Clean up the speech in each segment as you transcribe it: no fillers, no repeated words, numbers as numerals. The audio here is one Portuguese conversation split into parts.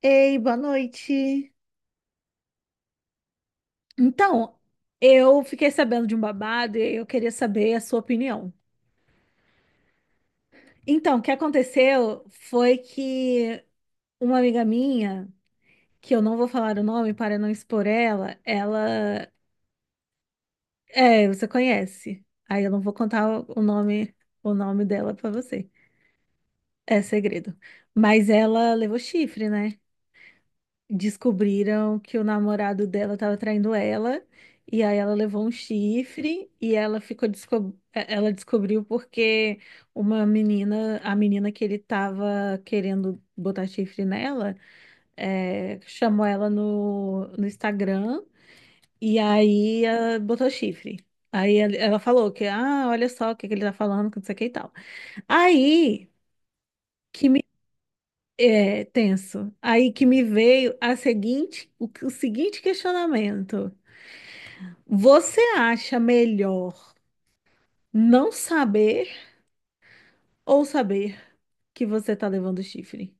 Ei, boa noite. Então, eu fiquei sabendo de um babado e eu queria saber a sua opinião. Então, o que aconteceu foi que uma amiga minha, que eu não vou falar o nome para não expor ela, é, você conhece. Aí eu não vou contar o nome, o nome dela para você. É segredo. Mas ela levou chifre, né? Descobriram que o namorado dela estava traindo ela, e aí ela levou um chifre e ela ficou ela descobriu porque uma menina, a menina que ele estava querendo botar chifre nela, chamou ela no Instagram e aí botou chifre. Aí ela falou que, ah, olha só o que que ele tá falando, que não sei o que e tal. Aí, que é tenso. Aí que me veio a seguinte, o seguinte questionamento. Você acha melhor não saber ou saber que você tá levando chifre?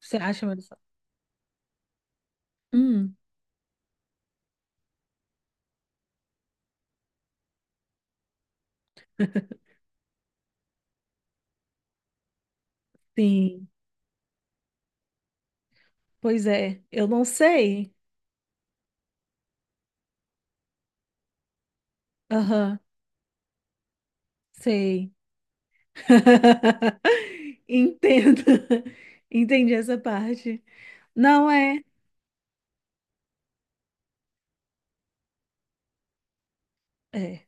Você acha melhor? Hum, sim. Pois é, eu não sei. Aham, sei. Entendo. Entendi essa parte. Não é. É.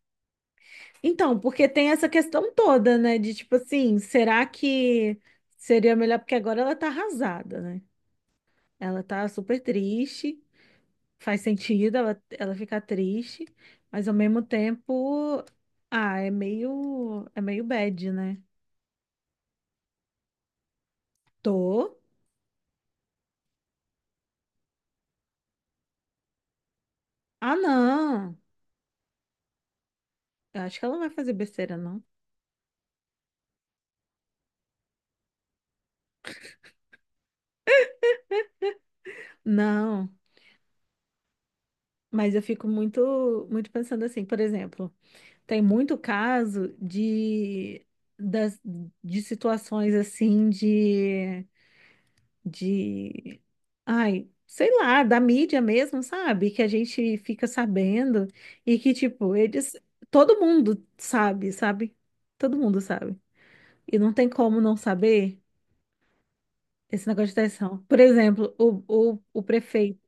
Então, porque tem essa questão toda, né? De tipo assim, será que seria melhor? Porque agora ela tá arrasada, né? Ela tá super triste, faz sentido ela ficar triste, mas ao mesmo tempo, ah, é meio bad, né? Tô. Ah, não. Eu acho que ela não vai fazer besteira, não. Não. Mas eu fico muito, muito pensando assim, por exemplo. Tem muito caso das, de situações assim de, ai, sei lá, da mídia mesmo, sabe? Que a gente fica sabendo e que, tipo, eles, todo mundo sabe, sabe? Todo mundo sabe. E não tem como não saber esse negócio de traição. Por exemplo, o prefeito.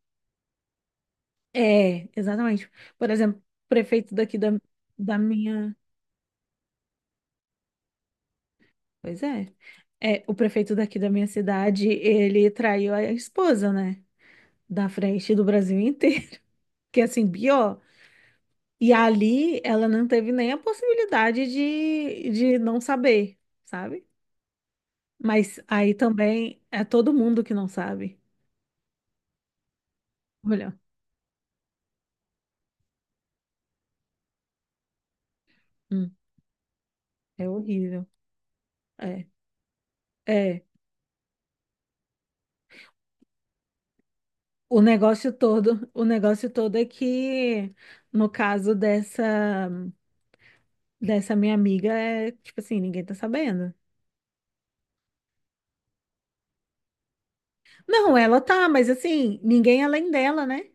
É, exatamente. Por exemplo, o prefeito daqui da, da minha. Pois é. É, o prefeito daqui da minha cidade, ele traiu a esposa, né? Da frente do Brasil inteiro, que é assim, pior. E ali ela não teve nem a possibilidade de não saber, sabe? Mas aí também é todo mundo que não sabe. Olha, hum, é horrível. É, é. O negócio todo é que, no caso dessa minha amiga, é tipo assim, ninguém tá sabendo. Não, ela tá, mas assim, ninguém além dela, né?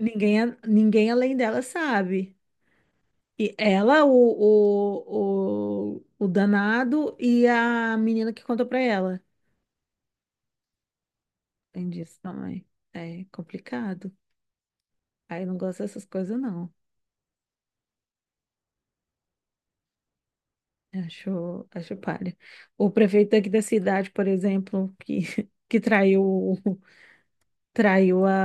Ninguém, ninguém além dela sabe. E ela, o danado e a menina que contou pra ela. Entendi isso também. É complicado. Aí não gosto dessas coisas, não. Acho palha. O prefeito aqui da cidade, por exemplo, que, que traiu, traiu a,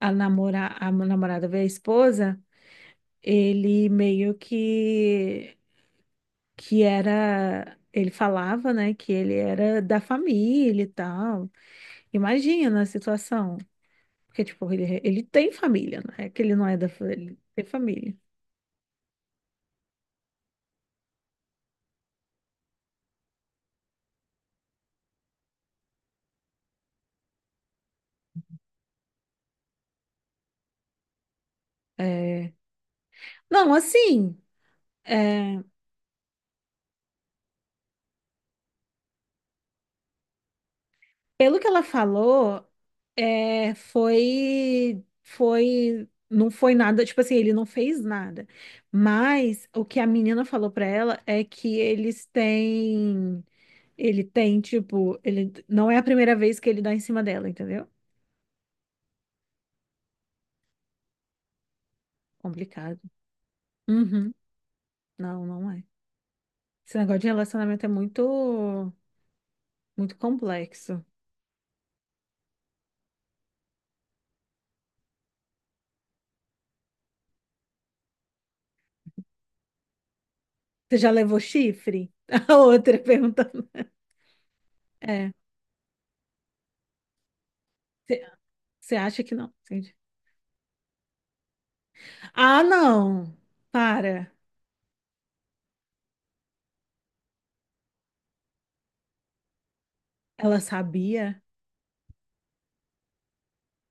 a namorada, veio a esposa, ele meio que. Que era, ele falava, né, que ele era da família e tal. Imagina a situação. Porque, tipo, ele tem família, não é que ele não é da família, tem família. É... Não, assim, é, pelo que ela falou, é, não foi nada, tipo assim, ele não fez nada. Mas o que a menina falou pra ela é que eles têm, ele tem, tipo, ele não é a primeira vez que ele dá em cima dela, entendeu? Complicado. Uhum. Não, não é. Esse negócio de relacionamento é muito, muito complexo. Você já levou chifre? A outra perguntando. É. Você você acha que não? Entendi. Ah, não! Para. Ela sabia?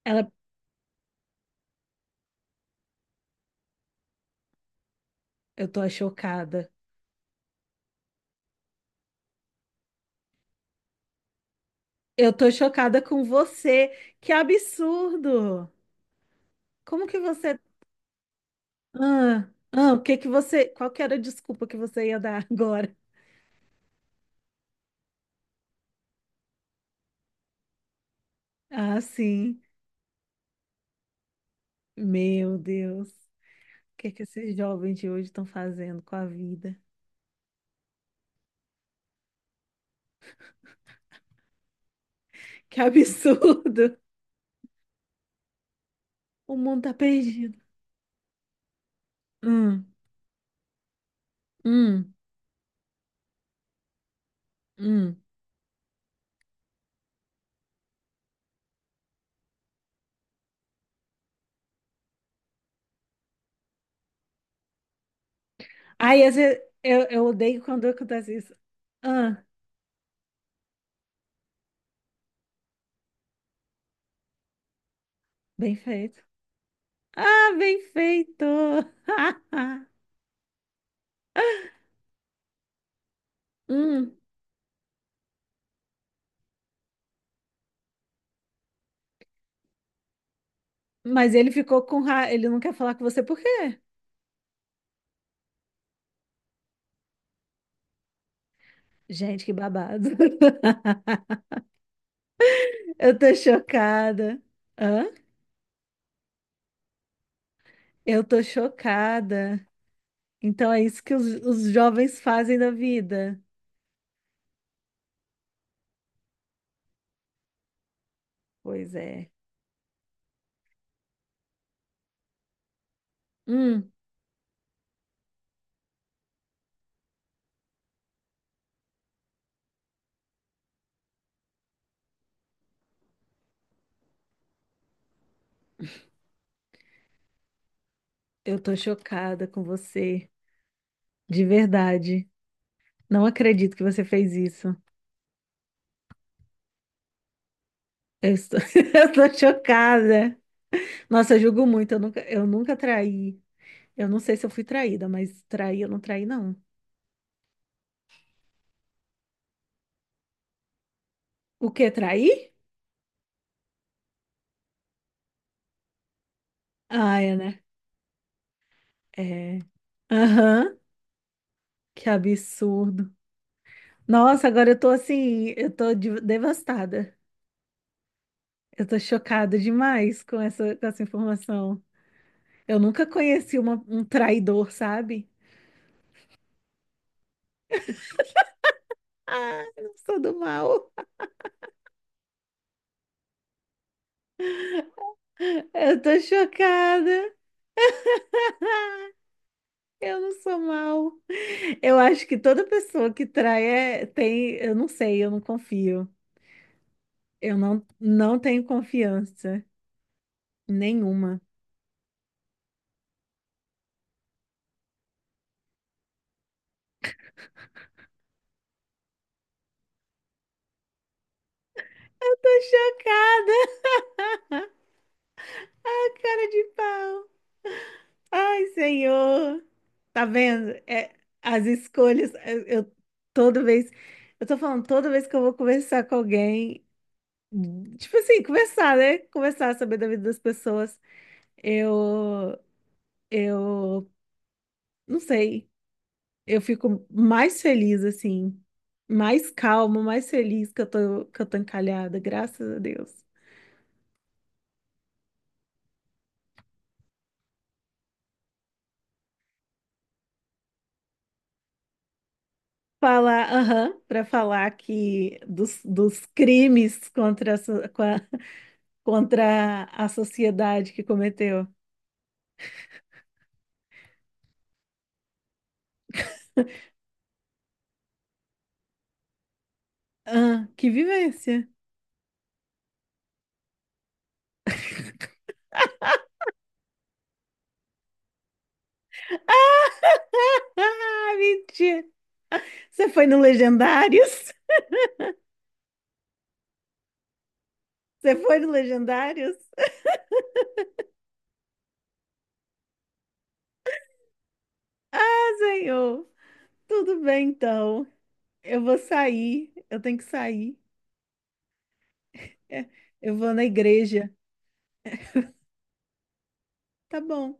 Ela. Eu tô chocada. Eu tô chocada com você. Que absurdo! Como que você. O que que você. Qual que era a desculpa que você ia dar agora? Ah, sim. Meu Deus. O que é que esses jovens de hoje estão fazendo com a vida? Que absurdo! O mundo tá perdido. Hum, hum, hum. Aí, às vezes, eu odeio quando acontece isso. Ah, bem feito. Ah, bem feito! Hum, mas ele ficou com raiva. Ele não quer falar com você por quê? Gente, que babado. Eu tô chocada. Hã? Eu tô chocada. Então é isso que os jovens fazem da vida. Pois é. Hum. Eu tô chocada com você, de verdade. Não acredito que você fez isso. Eu estou, eu tô chocada. Nossa, eu julgo muito. Eu nunca traí. Eu não sei se eu fui traída, mas traí, eu não traí, não. O quê? Traí? Ah, é, né? É. Aham. Que absurdo. Nossa, agora eu tô assim, eu tô devastada. Eu tô chocada demais com essa informação. Eu nunca conheci um traidor, sabe? Ah, eu não sou do mal. Eu tô chocada. Eu não sou mal. Eu acho que toda pessoa que trai é, tem, eu não sei, eu não confio. Eu não, não tenho confiança nenhuma. Tô chocada, cara de pau. Ai, Senhor. Tá vendo? É, as escolhas, toda vez, eu tô falando, toda vez que eu vou conversar com alguém, tipo assim, conversar, né? Conversar, saber da vida das pessoas, eu, eu não sei. Eu fico mais feliz, assim, mais calma, mais feliz que eu tô encalhada, graças a Deus. Falar, aham, para falar que dos crimes contra a, so- com a- contra a sociedade que cometeu. Ah, que vivência! Ah, mentira! Você foi no Legendários? Você foi no Legendários? Ah, senhor! Tudo bem, então. Eu vou sair, eu tenho que sair. É, eu vou na igreja. Tá bom.